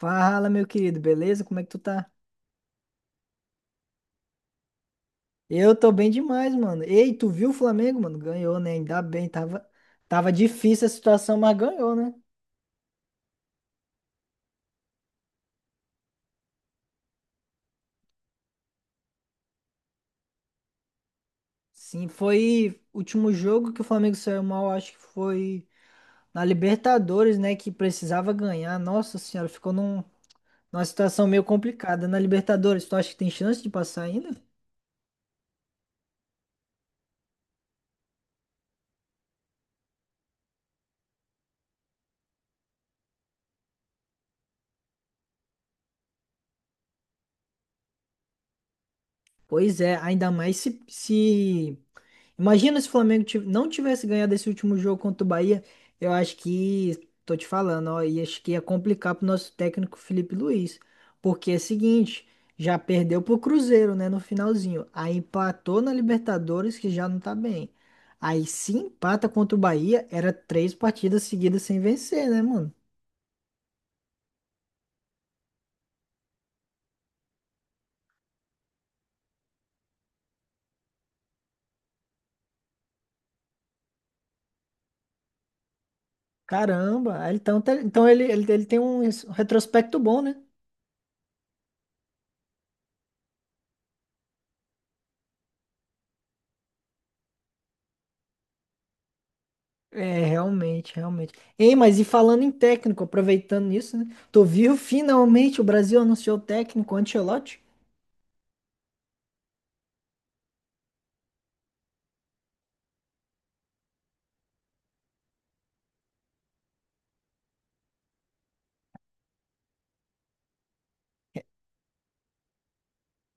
Fala, meu querido, beleza? Como é que tu tá? Eu tô bem demais, mano. Ei, tu viu o Flamengo, mano? Ganhou, né? Ainda bem, tava difícil a situação, mas ganhou, né? Sim, foi o último jogo que o Flamengo saiu mal, acho que foi na Libertadores, né? Que precisava ganhar. Nossa senhora, ficou numa situação meio complicada. Na Libertadores, tu acha que tem chance de passar ainda? Pois é, ainda mais se imagina se o Flamengo não tivesse ganhado esse último jogo contra o Bahia. Eu acho que, tô te falando, ó, e acho que ia complicar pro nosso técnico Felipe Luiz. Porque é o seguinte, já perdeu pro Cruzeiro, né, no finalzinho. Aí empatou na Libertadores, que já não tá bem. Aí se empata contra o Bahia, era três partidas seguidas sem vencer, né, mano? Caramba, aí então, então ele tem um retrospecto bom, né? É, realmente, realmente. Ei, mas e falando em técnico, aproveitando isso, né? Tu viu finalmente o Brasil anunciou o técnico Ancelotti?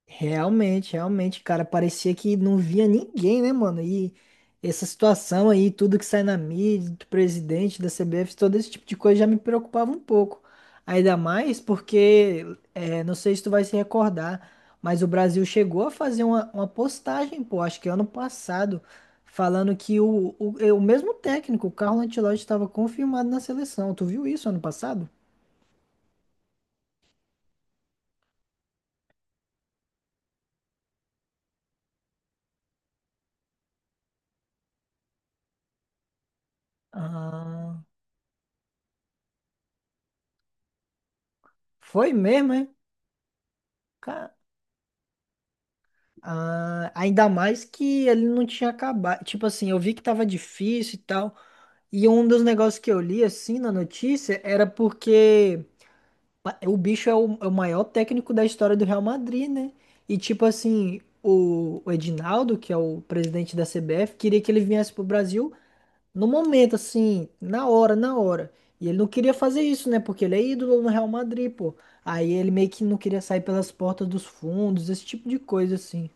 Realmente, realmente, cara, parecia que não via ninguém, né, mano? E essa situação aí, tudo que sai na mídia, do presidente da CBF, todo esse tipo de coisa já me preocupava um pouco. Ainda mais porque, não sei se tu vai se recordar, mas o Brasil chegou a fazer uma postagem, pô, acho que ano passado, falando que o mesmo técnico, o Carlo Ancelotti, estava confirmado na seleção. Tu viu isso ano passado? Ah, foi mesmo, hein? Ah, ainda mais que ele não tinha acabado. Tipo assim, eu vi que tava difícil e tal. E um dos negócios que eu li, assim, na notícia, era porque o bicho é é o maior técnico da história do Real Madrid, né? E tipo assim, o Edinaldo, que é o presidente da CBF, queria que ele viesse pro Brasil no momento, assim, na hora, na hora. E ele não queria fazer isso, né? Porque ele é ídolo no Real Madrid, pô. Aí ele meio que não queria sair pelas portas dos fundos, esse tipo de coisa, assim.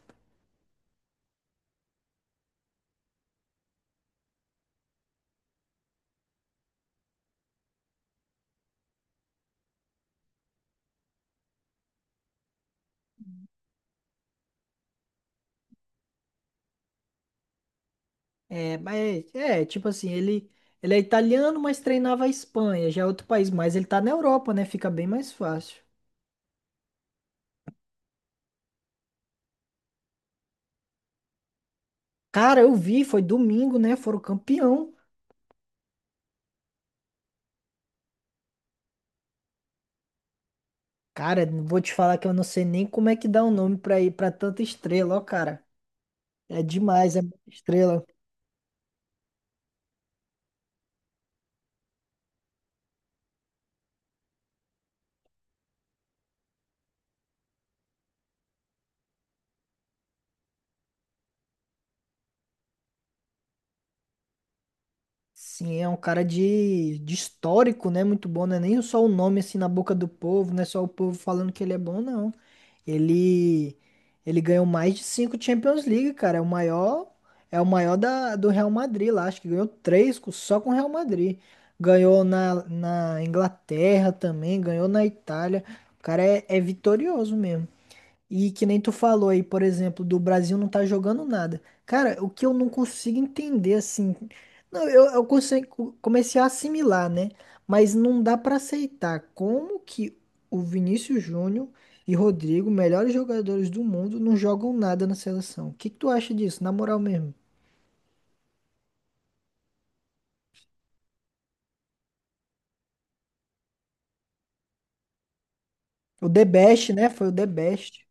É, mas é, tipo assim, ele é italiano, mas treinava a Espanha, já é outro país, mas ele tá na Europa, né? Fica bem mais fácil. Cara, eu vi, foi domingo, né? Foram campeão. Cara, não vou te falar que eu não sei nem como é que dá o nome pra ir pra tanta estrela, ó, cara. É demais, é muita estrela. Sim, é um cara de histórico, né? Muito bom, não é nem só o nome assim na boca do povo, não é só o povo falando que ele é bom, não. Ele ele ganhou mais de 5 Champions League, cara. É o maior da, do Real Madrid lá. Acho que ganhou só com o Real Madrid. Ganhou na, na Inglaterra também, ganhou na Itália. O cara é, é vitorioso mesmo. E que nem tu falou aí, por exemplo, do Brasil não tá jogando nada. Cara, o que eu não consigo entender, assim. Não, eu consigo, comecei a assimilar, né? Mas não dá pra aceitar como que o Vinícius Júnior e Rodrigo, melhores jogadores do mundo, não jogam nada na seleção. O que que tu acha disso, na moral mesmo? O The Best, né? Foi o The Best.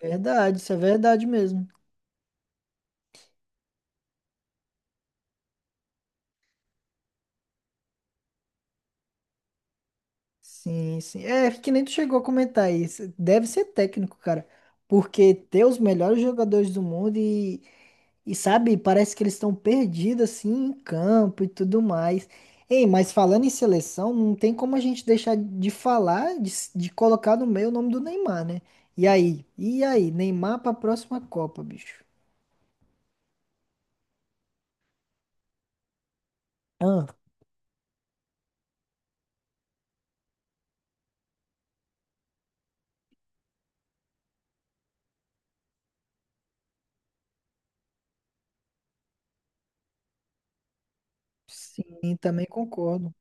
Verdade, isso é verdade mesmo. Sim, sim. É, é que nem tu chegou a comentar isso. Deve ser técnico, cara. Porque ter os melhores jogadores do mundo e sabe, parece que eles estão perdidos assim em campo e tudo mais. Ei, mas falando em seleção, não tem como a gente deixar de falar, de colocar no meio o nome do Neymar, né? E aí? E aí? Neymar pra próxima Copa, bicho. Ah, sim, também concordo.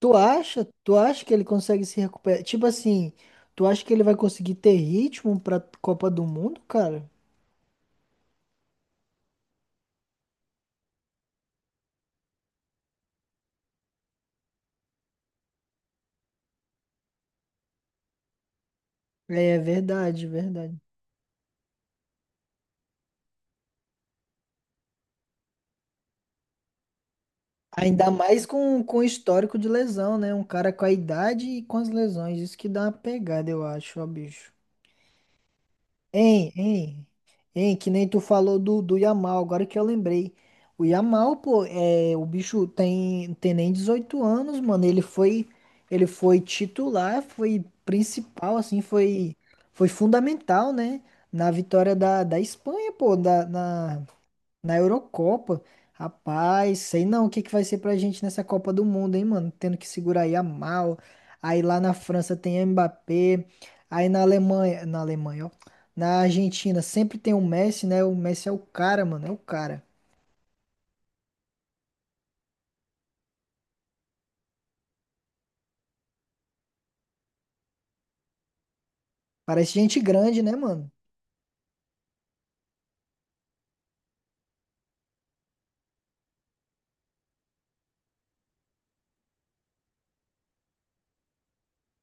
Tu acha? Tu acha que ele consegue se recuperar? Tipo assim, tu acha que ele vai conseguir ter ritmo pra Copa do Mundo, cara? É verdade, verdade. Ainda mais com o histórico de lesão, né? Um cara com a idade e com as lesões. Isso que dá uma pegada, eu acho, ó, bicho. Hein, hein, que nem tu falou do Yamal, agora que eu lembrei. O Yamal, pô, é, o bicho tem nem 18 anos, mano. Ele foi titular, foi principal, foi fundamental, né? Na vitória da Espanha, na Eurocopa, rapaz, sei não o que que vai ser pra gente nessa Copa do Mundo, hein, mano? Tendo que segurar aí a Mal. Aí lá na França tem Mbappé. Aí na Alemanha, ó. Na Argentina sempre tem o Messi, né? O Messi é o cara, mano, é o cara. Parece gente grande, né, mano?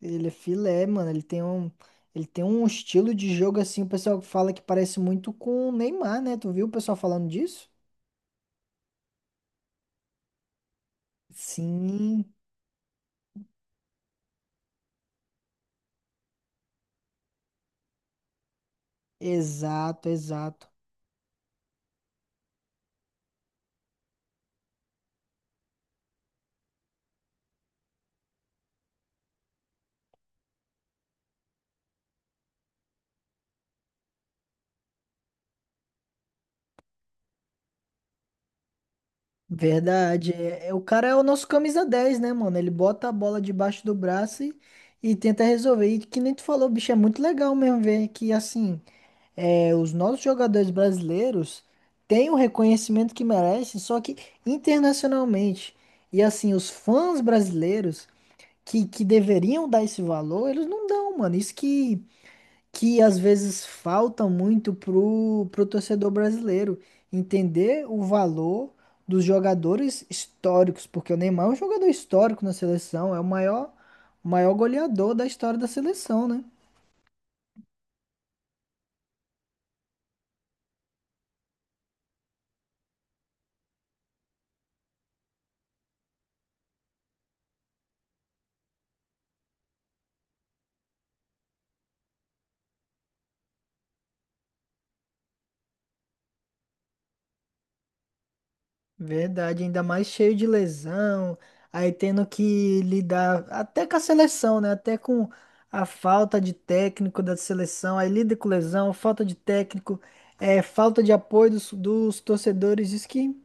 Ele é filé, mano. Ele tem um estilo de jogo assim, o pessoal fala que parece muito com o Neymar, né? Tu viu o pessoal falando disso? Sim, exato, exato. Verdade. O cara é o nosso camisa 10 né, mano? Ele bota a bola debaixo do braço e tenta resolver. E que nem tu falou, bicho, é muito legal mesmo ver que, assim, é, os nossos jogadores brasileiros têm o reconhecimento que merecem, só que internacionalmente. E, assim, os fãs brasileiros que deveriam dar esse valor, eles não dão, mano. Isso que às vezes falta muito pro torcedor brasileiro entender o valor dos jogadores históricos, porque o Neymar é um jogador histórico na seleção, é o maior goleador da história da seleção, né? Verdade, ainda mais cheio de lesão, aí tendo que lidar até com a seleção, né? Até com a falta de técnico da seleção, aí lida com lesão, falta de técnico, é, falta de apoio dos torcedores. Isso que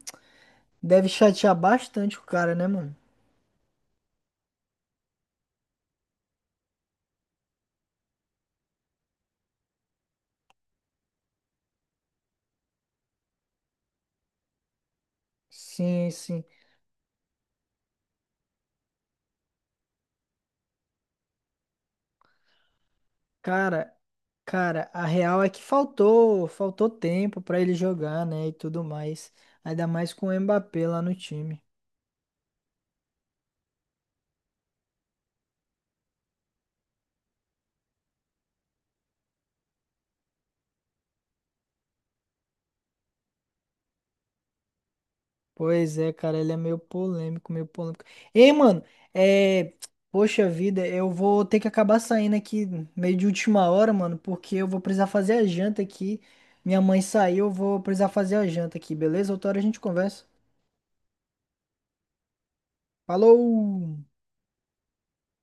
deve chatear bastante o cara, né, mano? Sim, sim. Cara, cara, a real é que faltou, faltou tempo pra ele jogar, né, e tudo mais. Ainda mais com o Mbappé lá no time. Pois é, cara, ele é meio polêmico, meio polêmico. Ei, mano, é, poxa vida, eu vou ter que acabar saindo aqui meio de última hora, mano, porque eu vou precisar fazer a janta aqui. Minha mãe saiu, eu vou precisar fazer a janta aqui, beleza? Outra hora a gente conversa. Falou!